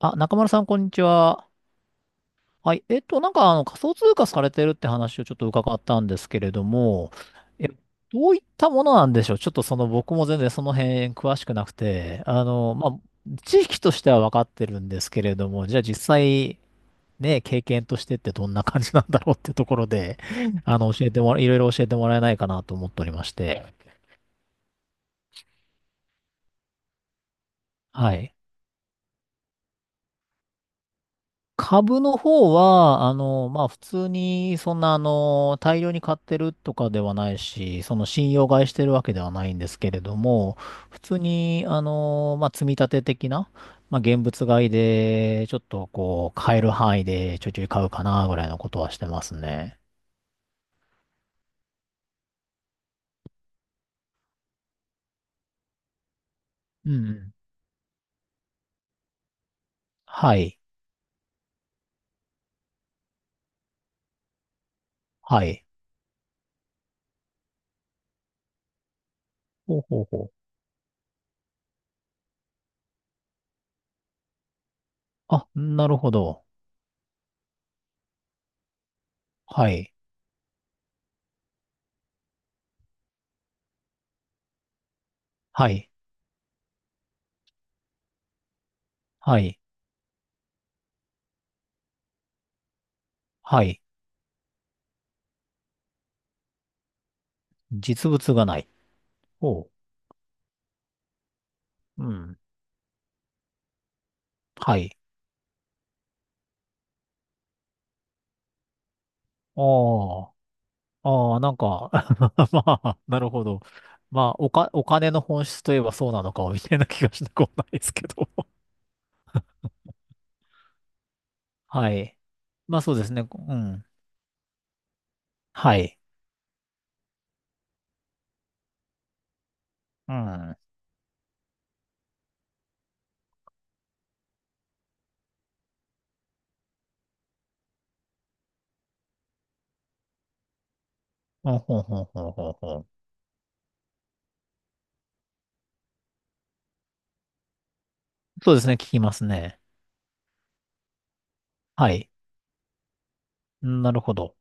あ、中丸さん、こんにちは。はい。仮想通貨されてるって話をちょっと伺ったんですけれども、え、どういったものなんでしょう？ちょっとその、僕も全然その辺詳しくなくて、まあ、知識としては分かってるんですけれども、じゃあ実際、ね、経験としてってどんな感じなんだろうってところで、あの、教えてもら、いろいろ教えてもらえないかなと思っておりまして。はい。株の方は、まあ、普通に、そんな、あの、大量に買ってるとかではないし、その信用買いしてるわけではないんですけれども、普通に、まあ、積み立て的な、まあ、現物買いで、ちょっと、こう、買える範囲でちょいちょい買うかな、ぐらいのことはしてますね。うんうん。はい。はい。ほうほうほう。あ、なるほど。はい。はい。はい。はい。実物がない。ほう。うん。はい。ああ。ああ、なんか まあ、なるほど。お金の本質といえばそうなのか、みたいな気がしなくもないですけど。はい。まあ、そうですね。うん。はい。うん。ほんほんほんほんほんほん。そうですね。聞きますね。はい。うん、なるほど。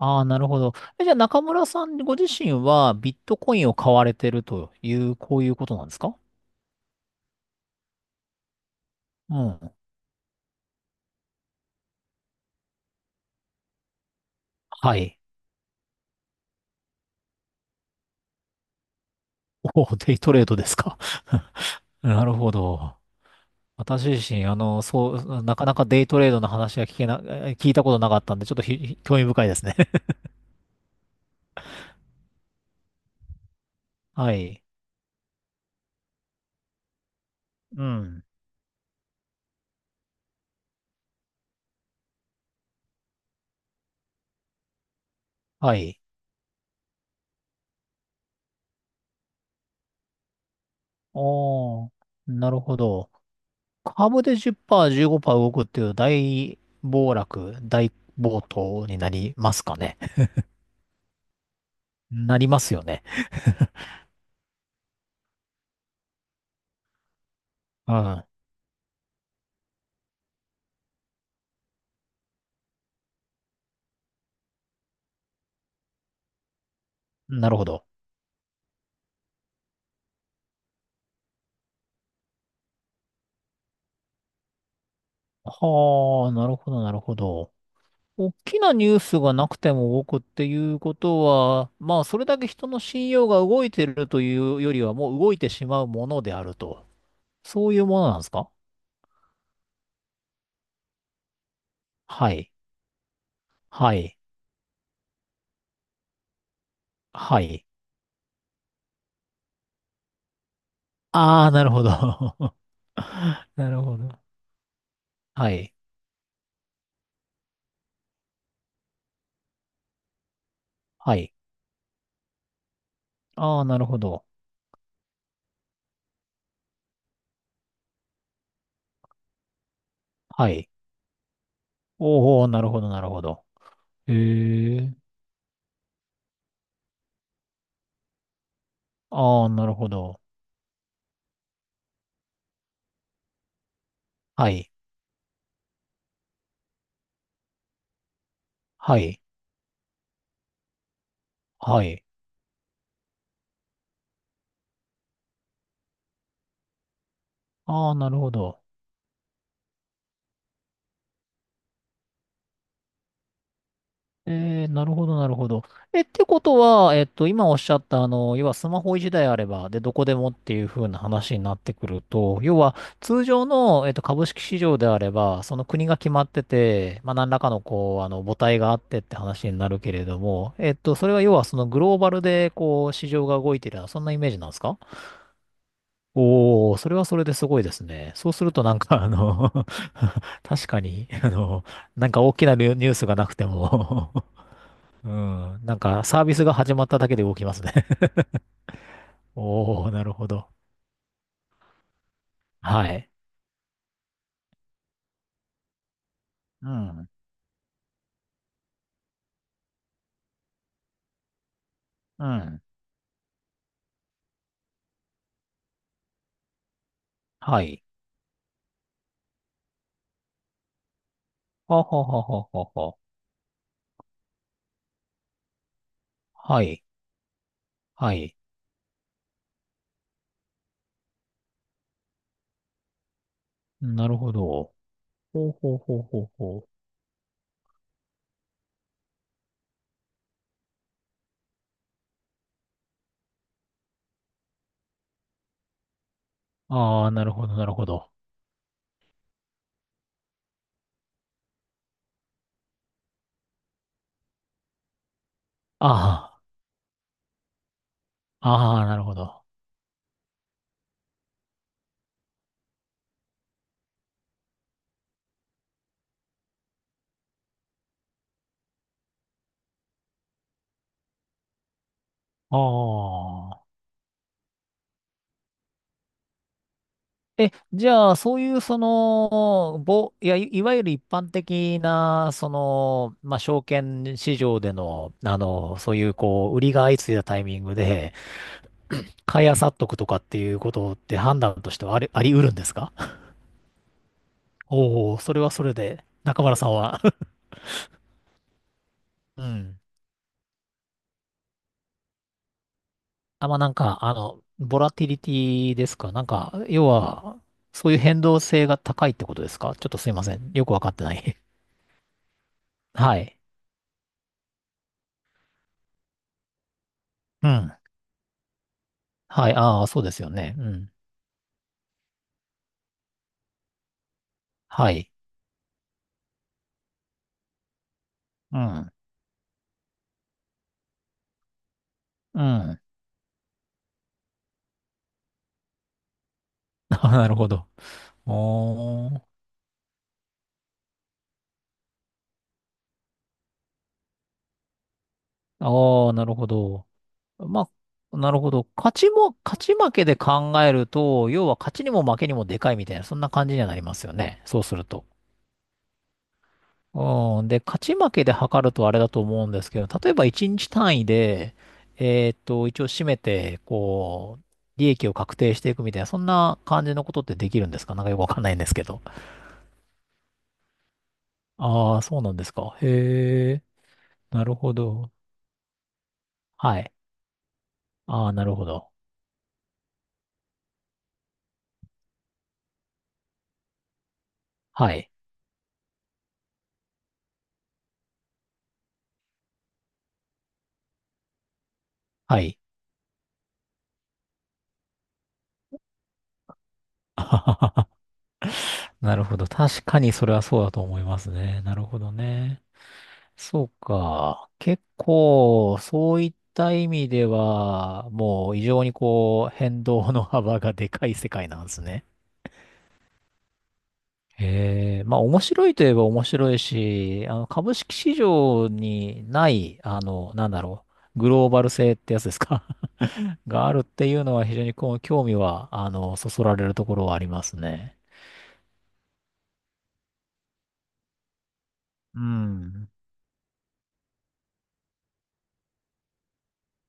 ああ、なるほど。え、じゃあ中村さんご自身はビットコインを買われてるという、こういうことなんですか？うん。はい。おお、デイトレードですか。なるほど。私自身、なかなかデイトレードの話は聞けな、え聞いたことなかったんで、ちょっと興味深いですね。はい。うん。はい。おー、なるほど。株で10%、15%動くっていう大暴落、大暴騰になりますかね。なりますよね。うん。なるほど。はあ、なるほど、なるほど。大きなニュースがなくても動くっていうことは、まあ、それだけ人の信用が動いてるというよりは、もう動いてしまうものであると。そういうものなんですか？はい。はい。はい。ああ、なるほど。なるほど。はい。はい。ああ、なるほど。はい。おお、なるほど、なるほど。へえ。ああ、なるほど。はい。はい。はい。ああ、なるほど。えー、なるほど、なるほど。ってことは、今おっしゃった、要はスマホ一台あれば、で、どこでもっていう風な話になってくると、要は、通常の、株式市場であれば、その国が決まってて、まあ、何らかの、母体があってって話になるけれども、それは要は、そのグローバルで、こう、市場が動いてるような、そんなイメージなんですか？おー、それはそれですごいですね。そうすると、なんか、あの 確かに、なんか大きなニュースがなくても、うん。なんか、サービスが始まっただけで動きますね。おお、なるほど。はい。うん。うん。はい。はははははは。はい。はい。なるほど。ほうほうほうほうほう。ああ、なるほど、なるほど。ああ、ああ、なるほど。ああ。じゃあ、そういう、その、ぼ、いや、いいわゆる一般的な、まあ、証券市場での、そういう、こう、売りが相次いだタイミングで、買い漁っとくとかっていうことって判断としてはあり、あり得るんですか？ おお、それはそれで、中村さんは うん。あ、まあ、ボラティリティですか？なんか、要は、そういう変動性が高いってことですか？ちょっとすいません。よくわかってない。はい。うん。はい。ああ、そうですよね。うん。はい。うん。うん。なるほど。おー。ああ、なるほど。まあ、なるほど。勝ち負けで考えると、要は勝ちにも負けにもでかいみたいな、そんな感じにはなりますよね。そうすると。うん。で、勝ち負けで測るとあれだと思うんですけど、例えば1日単位で、一応締めて、こう、利益を確定していくみたいな、そんな感じのことってできるんですか？なんかよくわかんないんですけど。ああ、そうなんですか。へえ、なるほど。はい。ああ、なるほど。はい。はい。なるほど。確かにそれはそうだと思いますね。なるほどね。そうか。結構、そういった意味では、もう異常にこう、変動の幅がでかい世界なんですね。ええ、まあ面白いといえば面白いし、あの株式市場にない、なんだろう、グローバル性ってやつですか？ があるっていうのは非常にこう興味は、そられるところはありますね。うん。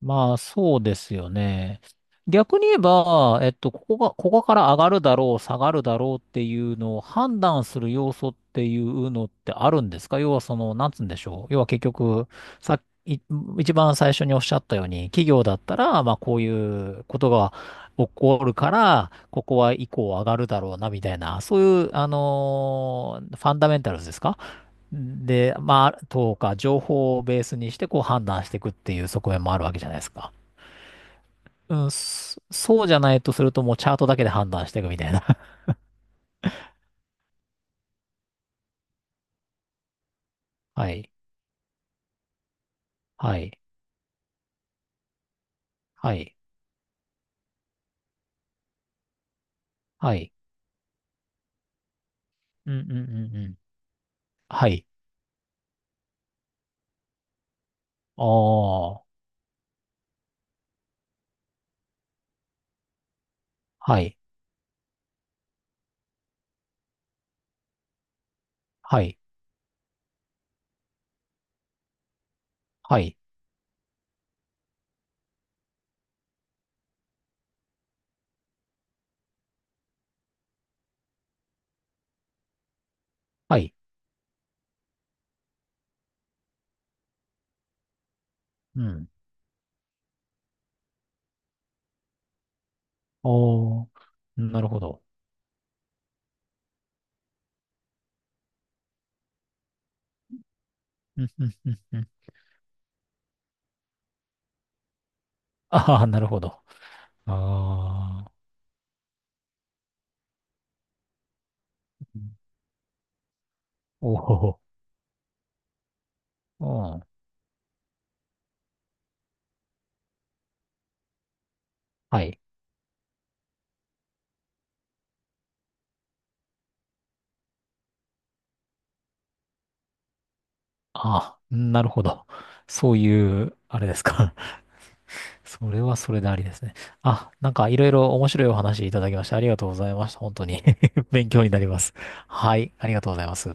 まあ、そうですよね。逆に言えば、ここから上がるだろう、下がるだろうっていうのを判断する要素っていうのってあるんですか？要はその、なんつうんでしょう。要は結局、さっき、い一番最初におっしゃったように、企業だったら、まあ、こういうことが起こるから、ここは以降上がるだろうな、みたいな、そういう、ファンダメンタルズですか？で、まあ、とか、情報をベースにして、こう判断していくっていう側面もあるわけじゃないですか。そうじゃないとすると、もうチャートだけで判断していくみたいな。はい。はい。はい。はい。うんうんうんうん。はい。ああ。はい。はい。はい。はい。うん。おー。なるほど。うんうんうんうん。ああ、なるほど。ああ。おお。うん。はい。ああ、なるほど。そういう、あれですか。それはそれでありですね。あ、なんかいろいろ面白いお話いただきましてありがとうございました。本当に 勉強になります。はい、ありがとうございます。